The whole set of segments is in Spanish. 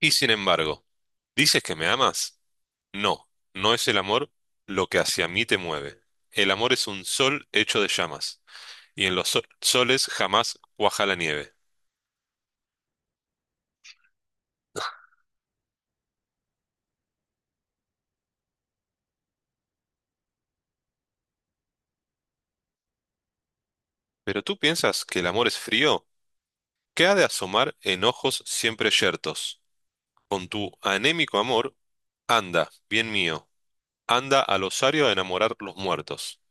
Y sin embargo, ¿dices que me amas? No, no es el amor lo que hacia mí te mueve. El amor es un sol hecho de llamas, y en los soles jamás cuaja la nieve. ¿Pero tú piensas que el amor es frío? ¿Qué ha de asomar en ojos siempre yertos? Con tu anémico amor, anda, bien mío, anda al osario a enamorar los muertos.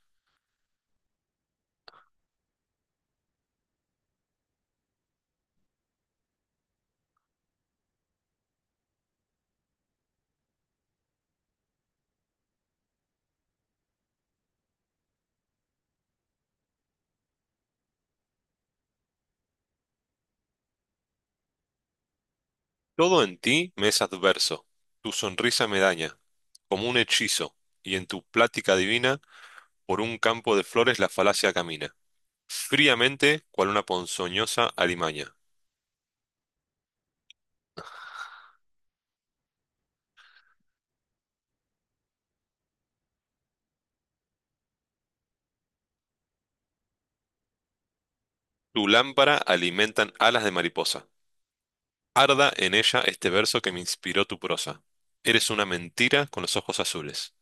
Todo en ti me es adverso, tu sonrisa me daña, como un hechizo, y en tu plática divina. Por un campo de flores la falacia camina, fríamente, cual una ponzoñosa alimaña. Tu lámpara alimentan alas de mariposa. Arda en ella este verso que me inspiró tu prosa. Eres una mentira con los ojos azules.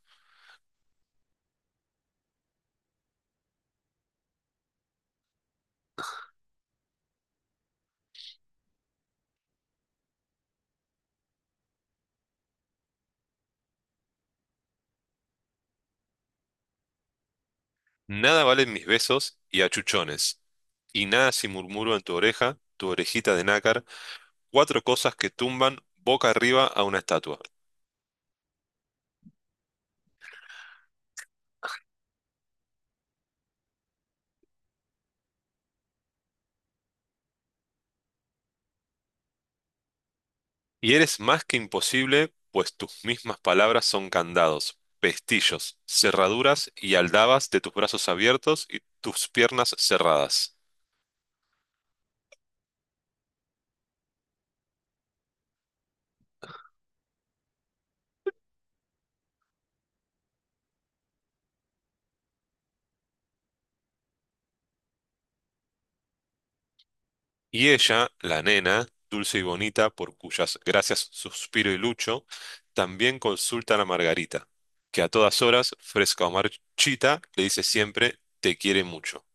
Nada valen mis besos y achuchones. Y nada si murmuro en tu oreja, tu orejita de nácar, cuatro cosas que tumban boca arriba a una estatua. Y eres más que imposible, pues tus mismas palabras son candados, pestillos, cerraduras y aldabas de tus brazos abiertos y tus piernas cerradas. Y ella, la nena, dulce y bonita, por cuyas gracias suspiro y lucho, también consultan a Margarita, que a todas horas, fresca o marchita, le dice siempre, te quiere mucho.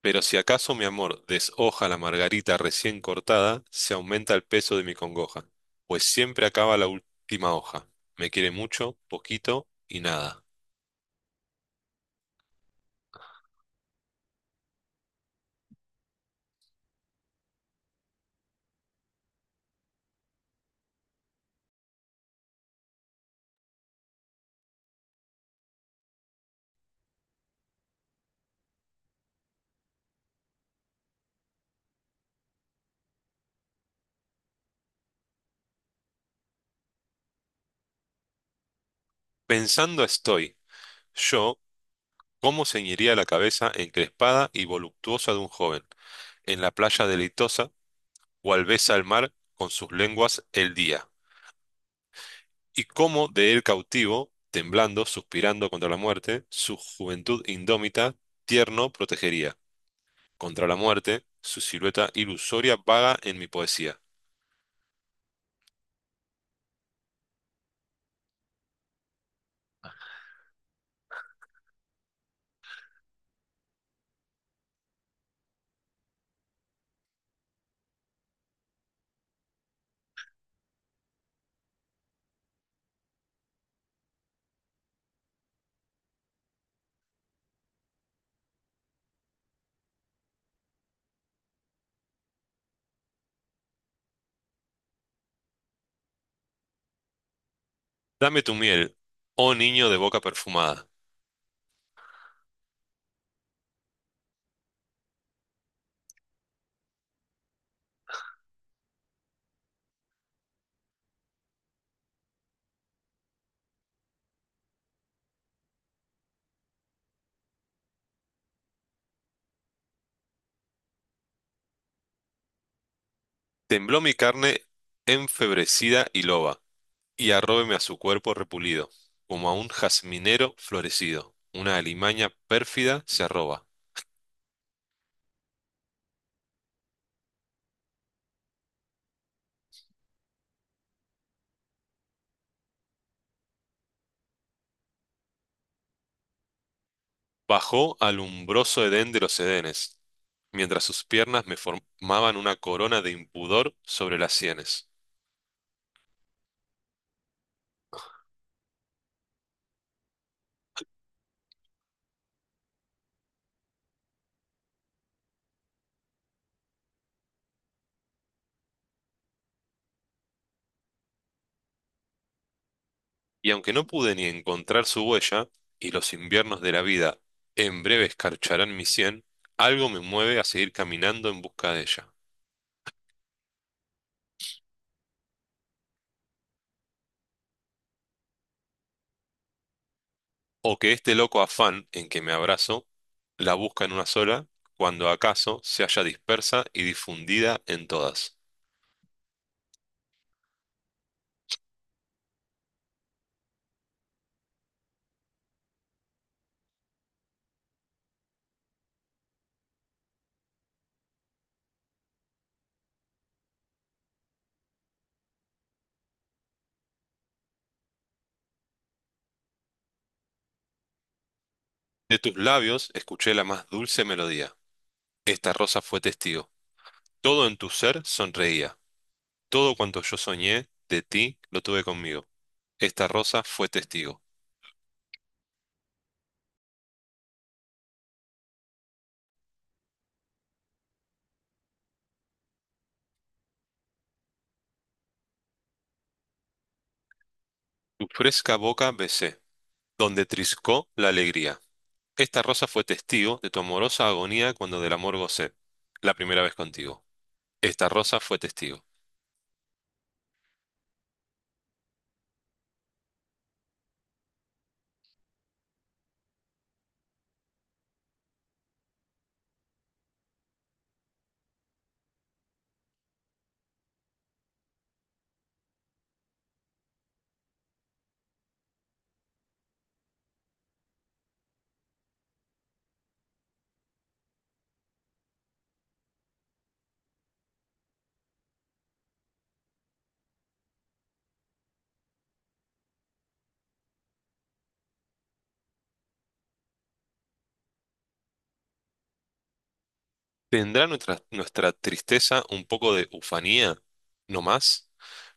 Pero si acaso, mi amor, deshoja la margarita recién cortada, se aumenta el peso de mi congoja, pues siempre acaba la última hoja. Me quiere mucho, poquito y nada. Pensando estoy, yo, cómo ceñiría la cabeza encrespada y voluptuosa de un joven, en la playa deleitosa, cual besa el mar con sus lenguas el día, y cómo de él cautivo, temblando, suspirando contra la muerte, su juventud indómita, tierno protegería contra la muerte, su silueta ilusoria vaga en mi poesía. Dame tu miel, oh niño de boca perfumada. Tembló mi carne enfebrecida y loba, y arróbeme a su cuerpo repulido, como a un jazminero florecido. Una alimaña pérfida se arroba. Bajó al umbroso edén de los edenes, mientras sus piernas me formaban una corona de impudor sobre las sienes. Y aunque no pude ni encontrar su huella, y los inviernos de la vida en breve escarcharán mi sien, algo me mueve a seguir caminando en busca de ella. O que este loco afán en que me abrazo la busca en una sola, cuando acaso se haya dispersa y difundida en todas. De tus labios escuché la más dulce melodía. Esta rosa fue testigo. Todo en tu ser sonreía. Todo cuanto yo soñé de ti lo tuve conmigo. Esta rosa fue testigo. Tu fresca boca besé, donde triscó la alegría. Esta rosa fue testigo de tu amorosa agonía cuando del amor gocé, la primera vez contigo. Esta rosa fue testigo. ¿Tendrá nuestra tristeza un poco de ufanía, no más,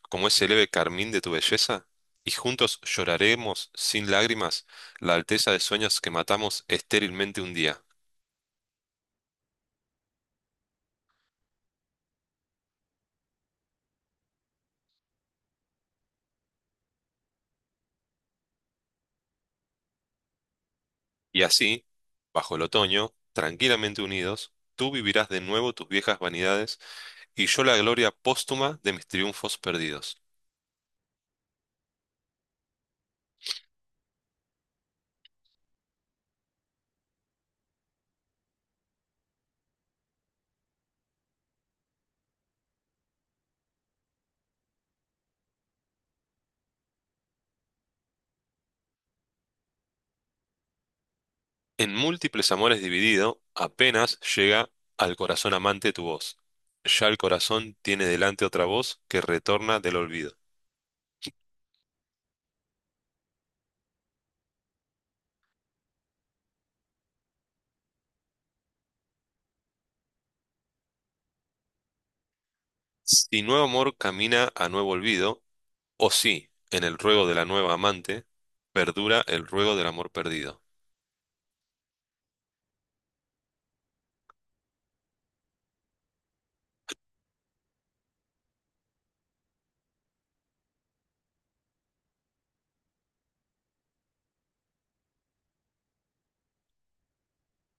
como ese leve carmín de tu belleza? Y juntos lloraremos sin lágrimas la alteza de sueños que matamos estérilmente un día. Y así, bajo el otoño, tranquilamente unidos, tú vivirás de nuevo tus viejas vanidades y yo la gloria póstuma de mis triunfos perdidos. En múltiples amores dividido, apenas llega al corazón amante tu voz. Ya el corazón tiene delante otra voz que retorna del olvido. Si nuevo amor camina a nuevo olvido, o si, en el ruego de la nueva amante, perdura el ruego del amor perdido.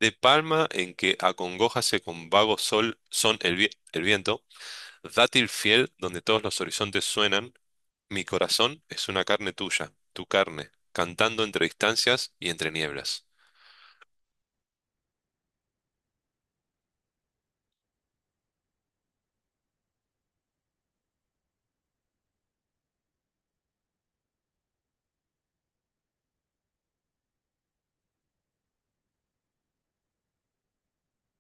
De palma en que acongojase con vago sol son el, el viento, dátil fiel donde todos los horizontes suenan, mi corazón es una carne tuya, tu carne, cantando entre distancias y entre nieblas.